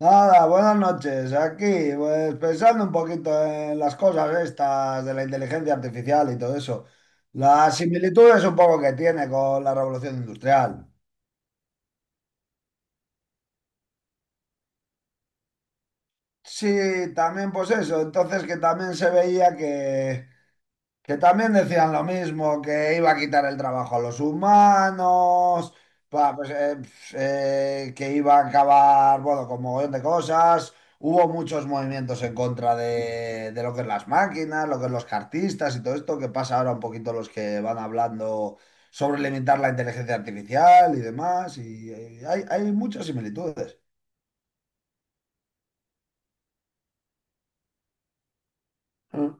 Nada, buenas noches. Aquí, pues pensando un poquito en las cosas estas de la inteligencia artificial y todo eso. Las similitudes un poco que tiene con la revolución industrial. Sí, también pues eso. Entonces que también se veía que también decían lo mismo, que iba a quitar el trabajo a los humanos, pa- pues, eh, pf, que iba a acabar, bueno, con mogollón de cosas. Hubo muchos movimientos en contra de lo que es las máquinas, lo que es los cartistas y todo esto, que pasa ahora un poquito los que van hablando sobre limitar la inteligencia artificial y demás. Y, hay muchas similitudes. Mm.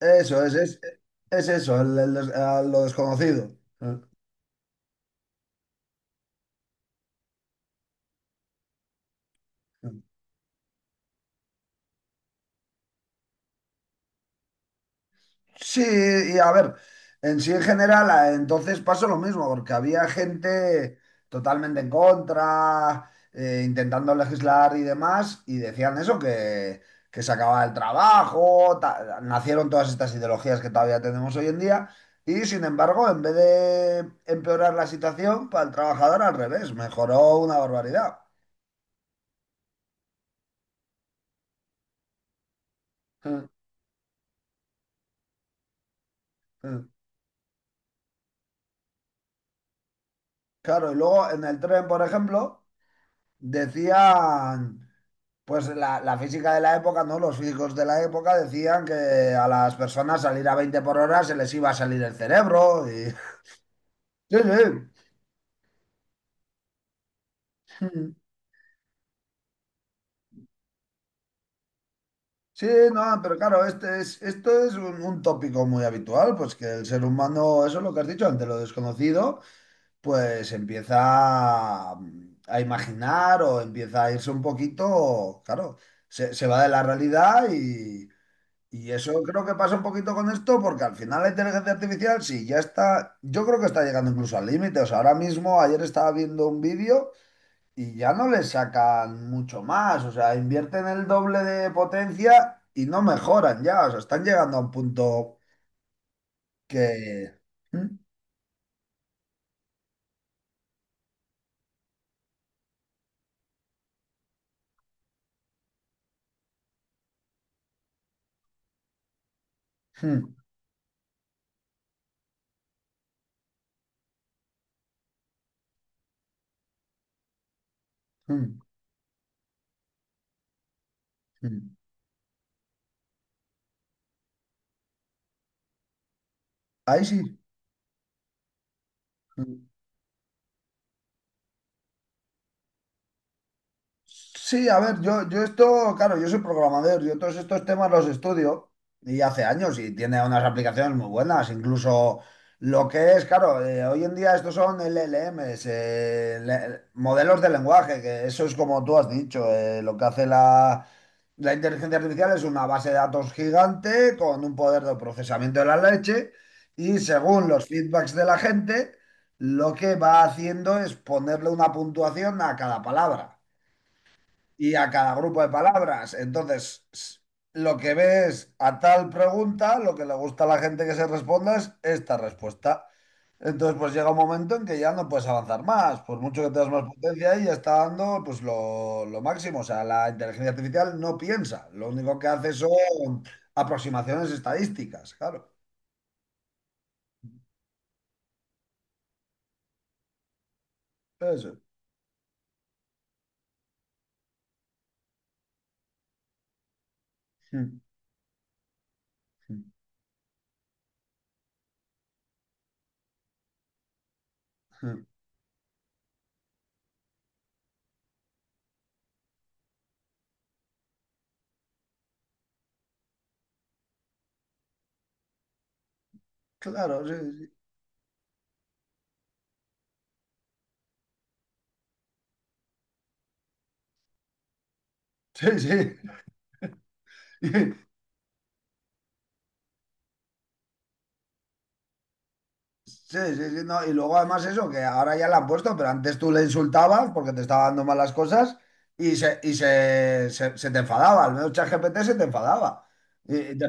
Eso es, eso, a lo desconocido. Mm. Sí, y a ver, en sí en general, entonces pasó lo mismo, porque había gente totalmente en contra, intentando legislar y demás, y decían eso, que se acababa el trabajo, nacieron todas estas ideologías que todavía tenemos hoy en día, y sin embargo, en vez de empeorar la situación para el trabajador, al revés, mejoró una barbaridad. Mm, mm. Claro, y luego en el tren, por ejemplo, decían... Pues la física de la época, ¿no? Los físicos de la época decían que a las personas salir a 20 por hora se les iba a salir el cerebro. Y... Sí, sí. Sí, no, pero claro, esto es un tópico muy habitual, pues que el ser humano, eso es lo que has dicho, ante lo desconocido, pues empieza a, a imaginar o empieza a irse un poquito, claro, se va de la realidad. Y eso creo que pasa un poquito con esto, porque al final la inteligencia artificial, sí, ya está, yo creo que está llegando incluso al límite. O sea, ahora mismo, ayer estaba viendo un vídeo y ya no le sacan mucho más. O sea, invierten el doble de potencia y no mejoran ya. O sea, están llegando a un punto que... Mm, mm, mm, mm. Ahí sí. Hmm. Sí, a ver, yo esto, claro, yo soy programador, yo todos estos temas los estudio y hace años y tiene unas aplicaciones muy buenas, incluso lo que es, claro, hoy en día estos son LLMs, modelos de lenguaje, que eso es como tú has dicho, lo que hace la inteligencia artificial es una base de datos gigante con un poder de procesamiento de la leche y según los feedbacks de la gente, lo que va haciendo es ponerle una puntuación a cada palabra y a cada grupo de palabras. Entonces, lo que ves a tal pregunta, lo que le gusta a la gente que se responda es esta respuesta. Entonces, pues llega un momento en que ya no puedes avanzar más, por mucho que tengas más potencia y ya está dando pues lo máximo. O sea, la inteligencia artificial no piensa, lo único que hace son aproximaciones estadísticas, claro. Eso. Mm, mm, mm. Claro, sí, sí. Sí, sí. Sí, sí, sí, no. Y luego además eso, que ahora ya la han puesto, pero antes tú le insultabas porque te estaba dando malas cosas y se te enfadaba, al menos ChatGPT se te enfadaba. Y- y te-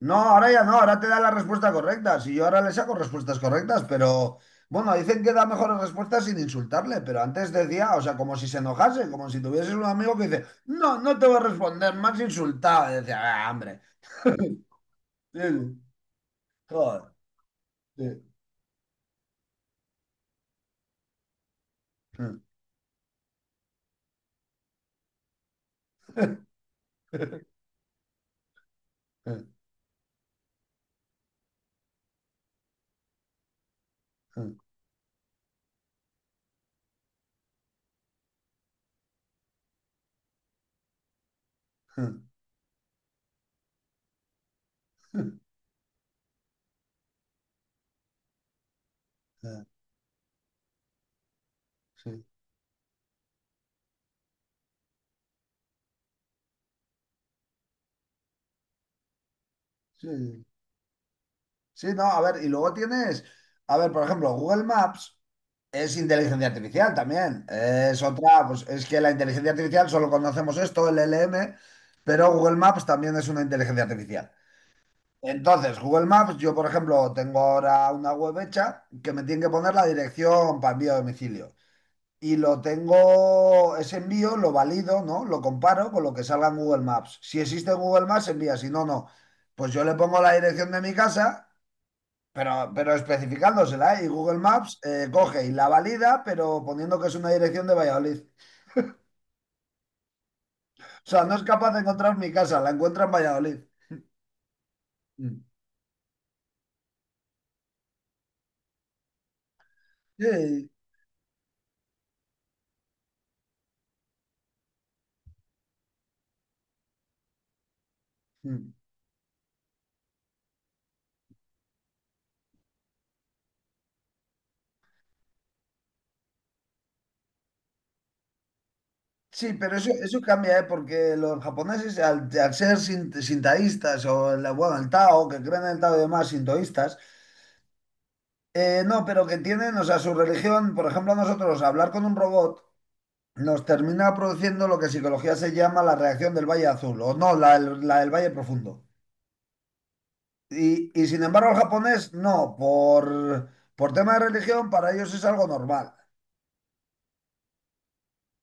no, ahora ya no, ahora te da la respuesta correcta. Si yo ahora le saco respuestas correctas, pero bueno, dicen que da mejores respuestas sin insultarle, pero antes decía, o sea, como si se enojase, como si tuvieses un amigo que dice, no, no te voy a responder, más insultado. Y decía, ah, hombre. Sí, sí. Joder, sí. Sí, sí. Sí, no, a ver, y luego tienes, a ver, por ejemplo, Google Maps es inteligencia artificial también. Es otra, pues es que la inteligencia artificial solo conocemos esto, el L M, pero Google Maps también es una inteligencia artificial. Entonces, Google Maps, yo por ejemplo, tengo ahora una web hecha que me tiene que poner la dirección para envío a domicilio. Y lo tengo, ese envío lo valido, ¿no? Lo comparo con lo que salga en Google Maps. Si existe en Google Maps, envía, si no, no. Pues yo le pongo la dirección de mi casa, pero especificándosela, ¿eh? Y Google Maps coge y la valida, pero poniendo que es una dirección de Valladolid. O sea, no es capaz de encontrar mi casa, la encuentra en Valladolid. Mm. Sí, mm. Sí, pero eso cambia, ¿eh? Porque los japoneses, al ser sintaístas o el, bueno, el Tao, que creen en el Tao y demás, sintoístas. No, pero que tienen, o sea, su religión, por ejemplo, a nosotros hablar con un robot nos termina produciendo lo que en psicología se llama la reacción del Valle Azul, o no, la del Valle Profundo. Y y sin embargo, el japonés no, por tema de religión, para ellos es algo normal.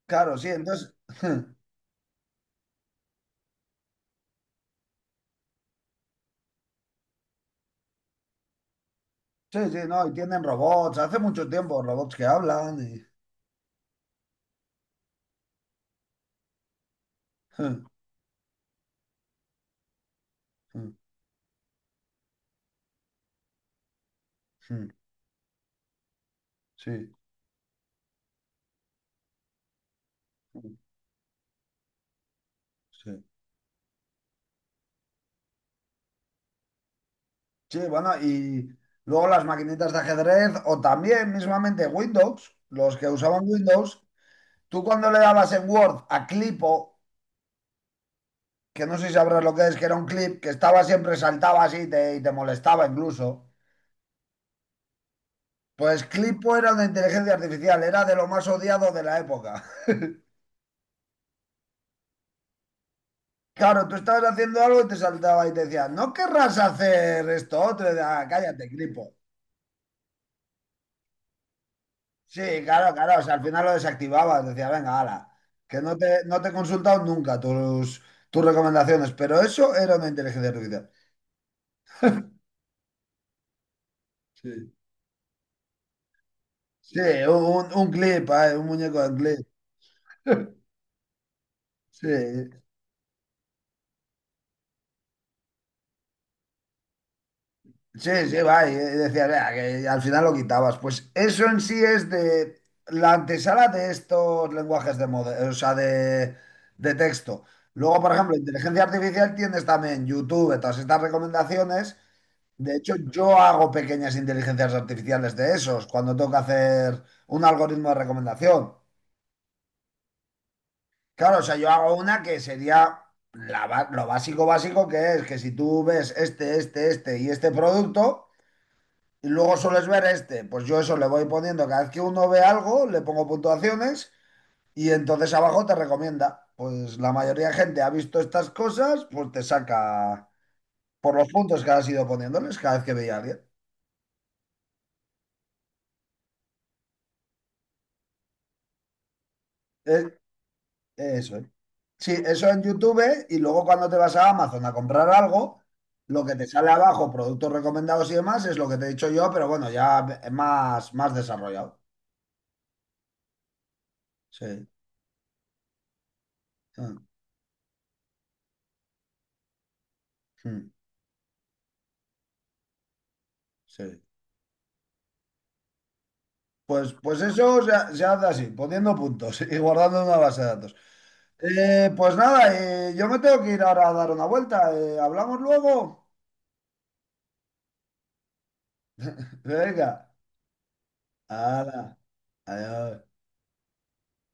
Claro, sí, entonces. Sí, sí, no, y tienen robots, hace mucho tiempo robots que hablan. Sí, sí. Sí, bueno, y luego las maquinitas de ajedrez o también mismamente Windows, los que usaban Windows, tú cuando le dabas en Word a clipo, que no sé si sabrás lo que es, que era un clip que estaba siempre, saltaba así y te molestaba incluso, pues clipo era una inteligencia artificial, era de lo más odiado de la época. Claro, tú estabas haciendo algo y te saltaba y te decía, ¿no querrás hacer esto otro? Y decía, "Ah, cállate, clipo". Sí, claro, claro. O sea, al final lo desactivabas. Decía, venga, ala, que no te, no te he consultado nunca tus recomendaciones. Pero eso era una inteligencia artificial. Sí, sí, sí. Un clip, ay, un muñeco de clip. Sí, sí, sí, va. Y decía, "Vea", que al final lo quitabas. Pues eso en sí es de la antesala de estos lenguajes de o sea, de texto. Luego, por ejemplo, inteligencia artificial tienes también YouTube, todas estas recomendaciones. De hecho, yo hago pequeñas inteligencias artificiales de esos cuando tengo que hacer un algoritmo de recomendación. Claro, o sea, yo hago una que sería lo básico básico, que es que si tú ves este, este, este y este producto y luego sueles ver este, pues yo eso le voy poniendo cada vez que uno ve algo, le pongo puntuaciones y entonces abajo te recomienda. Pues la mayoría de gente ha visto estas cosas, pues te saca por los puntos que has ido poniéndoles cada vez que veía a alguien. Eh, Eso es. Sí, eso en YouTube y luego cuando te vas a Amazon a comprar algo, lo que te sale abajo, productos recomendados y demás, es lo que te he dicho yo, pero bueno, ya es más, más desarrollado. Sí. Mm, mm. Sí. Pues, pues eso se hace así, poniendo puntos y guardando una base de datos. Pues nada, yo me tengo que ir ahora a dar una vuelta. ¿Hablamos luego? Venga. Hala. Adiós.